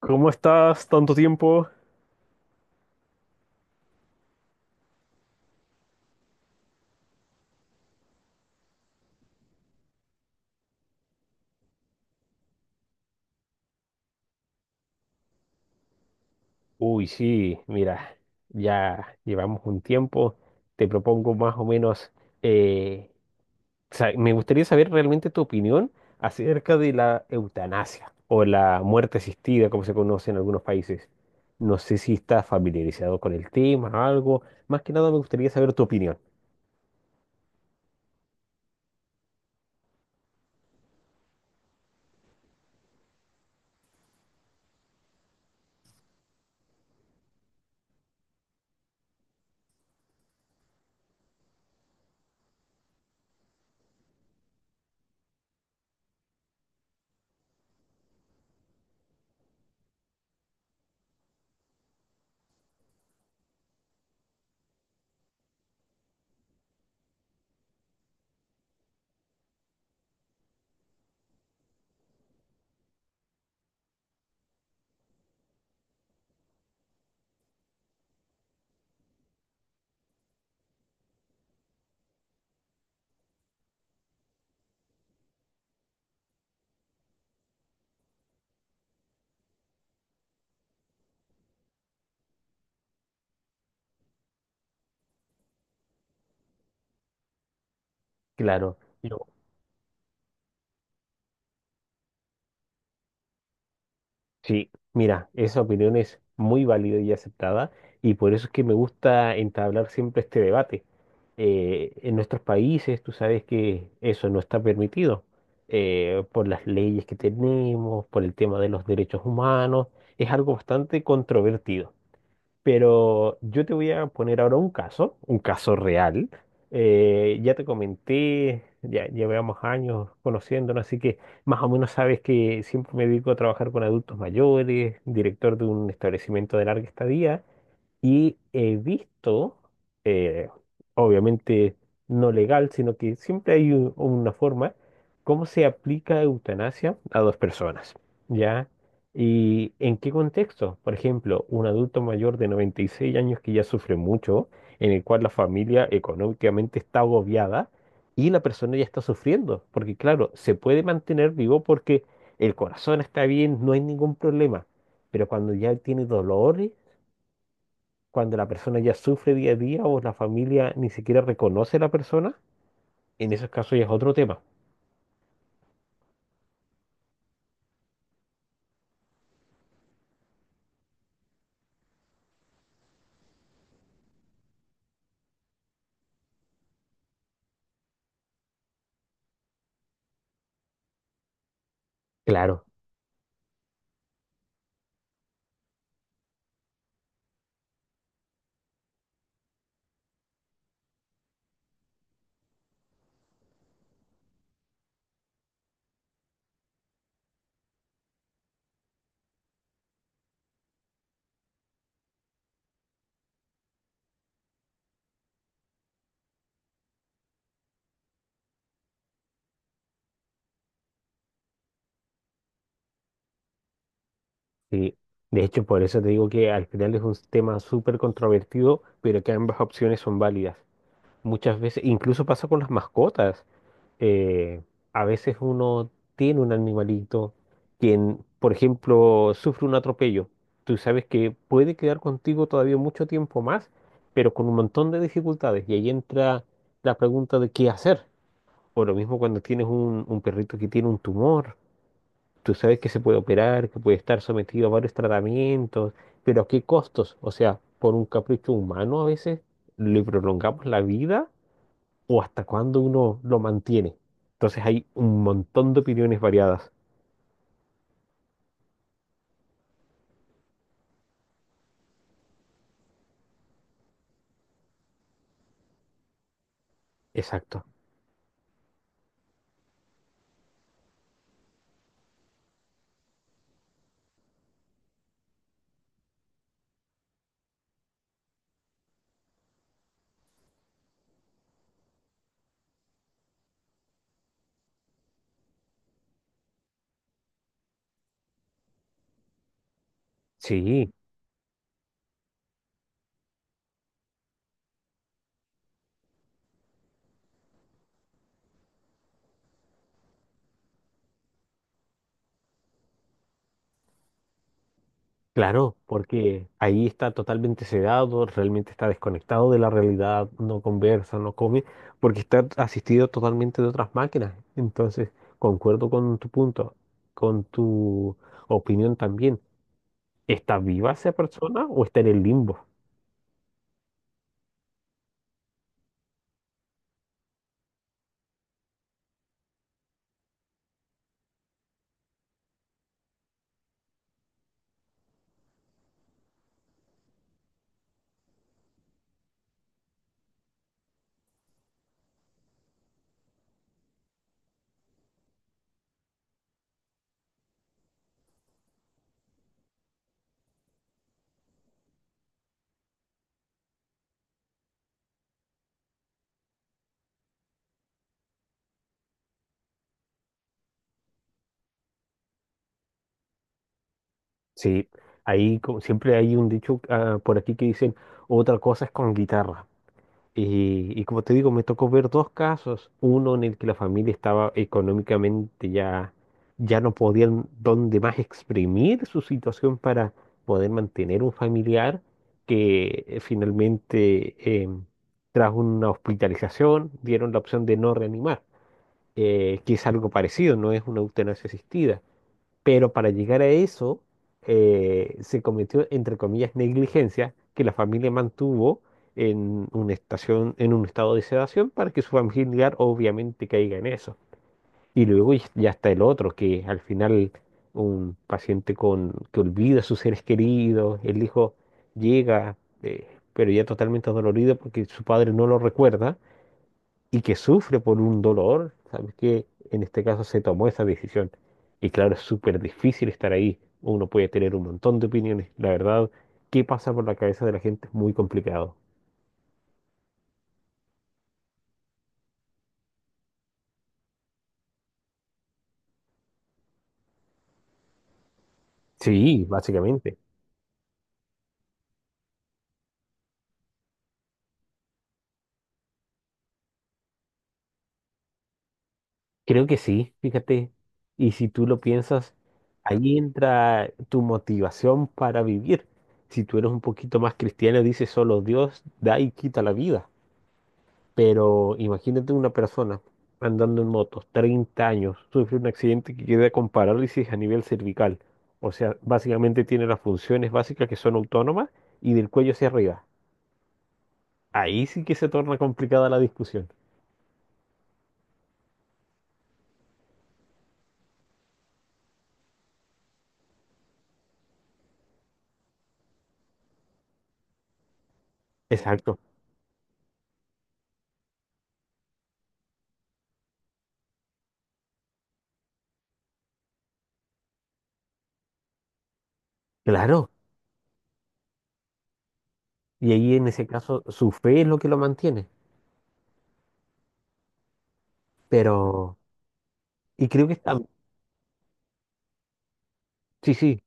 ¿Cómo estás? Tanto tiempo. Uy, sí, mira, ya llevamos un tiempo. Te propongo más o menos, eh, me gustaría saber realmente tu opinión acerca de la eutanasia o la muerte asistida, como se conoce en algunos países. No sé si estás familiarizado con el tema, algo. Más que nada me gustaría saber tu opinión. Claro. Sí, mira, esa opinión es muy válida y aceptada y por eso es que me gusta entablar siempre este debate. En nuestros países tú sabes que eso no está permitido por las leyes que tenemos, por el tema de los derechos humanos, es algo bastante controvertido. Pero yo te voy a poner ahora un caso real. Ya te comenté, ya llevamos años conociéndonos, así que más o menos sabes que siempre me dedico a trabajar con adultos mayores, director de un establecimiento de larga estadía. Y he visto, eh, obviamente no legal, sino que siempre hay una forma, cómo se aplica eutanasia a dos personas, ¿ya? ¿Y en qué contexto? Por ejemplo, un adulto mayor de 96 años que ya sufre mucho, en el cual la familia económicamente está agobiada y la persona ya está sufriendo, porque claro, se puede mantener vivo porque el corazón está bien, no hay ningún problema, pero cuando ya tiene dolores, cuando la persona ya sufre día a día o la familia ni siquiera reconoce a la persona, en esos casos ya es otro tema. Claro, sí. De hecho, por eso te digo que al final es un tema súper controvertido, pero que ambas opciones son válidas. Muchas veces, incluso pasa con las mascotas. eh, a veces uno tiene un animalito quien, por ejemplo, sufre un atropello. Tú sabes que puede quedar contigo todavía mucho tiempo más, pero con un montón de dificultades. Y ahí entra la pregunta de qué hacer. O lo mismo cuando tienes un perrito que tiene un tumor. Tú sabes que se puede operar, que puede estar sometido a varios tratamientos, pero ¿a qué costos? O sea, por un capricho humano a veces le prolongamos la vida o hasta cuándo uno lo mantiene. Entonces hay un montón de opiniones variadas. Exacto. Sí. Claro, porque ahí está totalmente sedado, realmente está desconectado de la realidad, no conversa, no come, porque está asistido totalmente de otras máquinas. Entonces, concuerdo con tu punto, con tu opinión también. ¿Está viva esa persona o está en el limbo? Sí, ahí siempre hay un dicho por aquí que dicen, otra cosa es con guitarra. Y como te digo, me tocó ver dos casos, uno en el que la familia estaba económicamente ya, ya no podían donde más exprimir su situación para poder mantener un familiar que finalmente tras una hospitalización dieron la opción de no reanimar, que es algo parecido, no es una eutanasia asistida. Pero para llegar a eso, se cometió, entre comillas, negligencia que la familia mantuvo en una estación, en un estado de sedación para que su familiar obviamente caiga en eso. Y luego ya está el otro, que al final un paciente que olvida a sus seres queridos, el hijo llega, eh, pero ya totalmente dolorido porque su padre no lo recuerda y que sufre por un dolor, ¿sabes qué? En este caso se tomó esa decisión. Y claro, es súper difícil estar ahí. Uno puede tener un montón de opiniones. La verdad, qué pasa por la cabeza de la gente es muy complicado. Sí, básicamente. Creo que sí, fíjate. Y si tú lo piensas, ahí entra tu motivación para vivir. Si tú eres un poquito más cristiano, dices solo Dios da y quita la vida. Pero imagínate una persona andando en moto, 30 años, sufre un accidente que queda con parálisis a nivel cervical. O sea, básicamente tiene las funciones básicas que son autónomas y del cuello hacia arriba. Ahí sí que se torna complicada la discusión. Exacto, claro. Y ahí en ese caso su fe es lo que lo mantiene. Pero, y creo que está, sí, sí,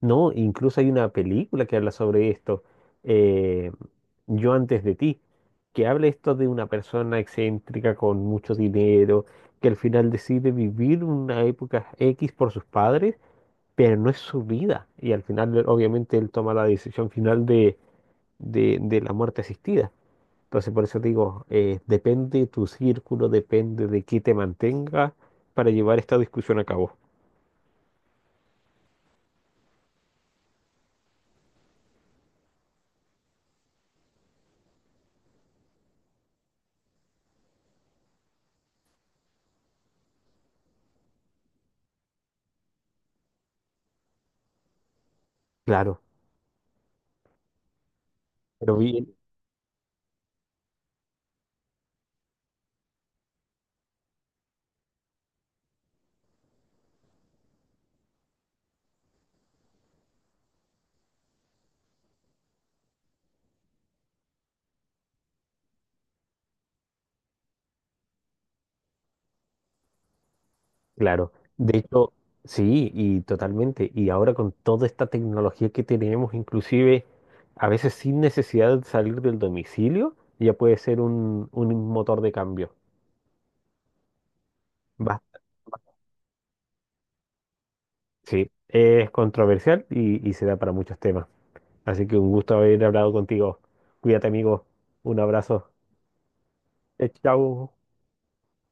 no, incluso hay una película que habla sobre esto, eh, Yo antes de ti, que habla esto de una persona excéntrica con mucho dinero, que al final decide vivir una época X por sus padres, pero no es su vida. Y al final, él- obviamente, él toma la decisión final de, la muerte asistida. Entonces, por eso digo, depende tu círculo, depende de qué te mantenga para llevar esta discusión a cabo. Claro, pero bien. Claro, de hecho, sí, y totalmente. Y ahora con toda esta tecnología que tenemos, inclusive a veces sin necesidad de salir del domicilio, ya puede ser un motor de cambio. Bas- Sí, es controversial y se da para muchos temas. Así que un gusto haber hablado contigo. Cuídate, amigo. Un abrazo. Chao.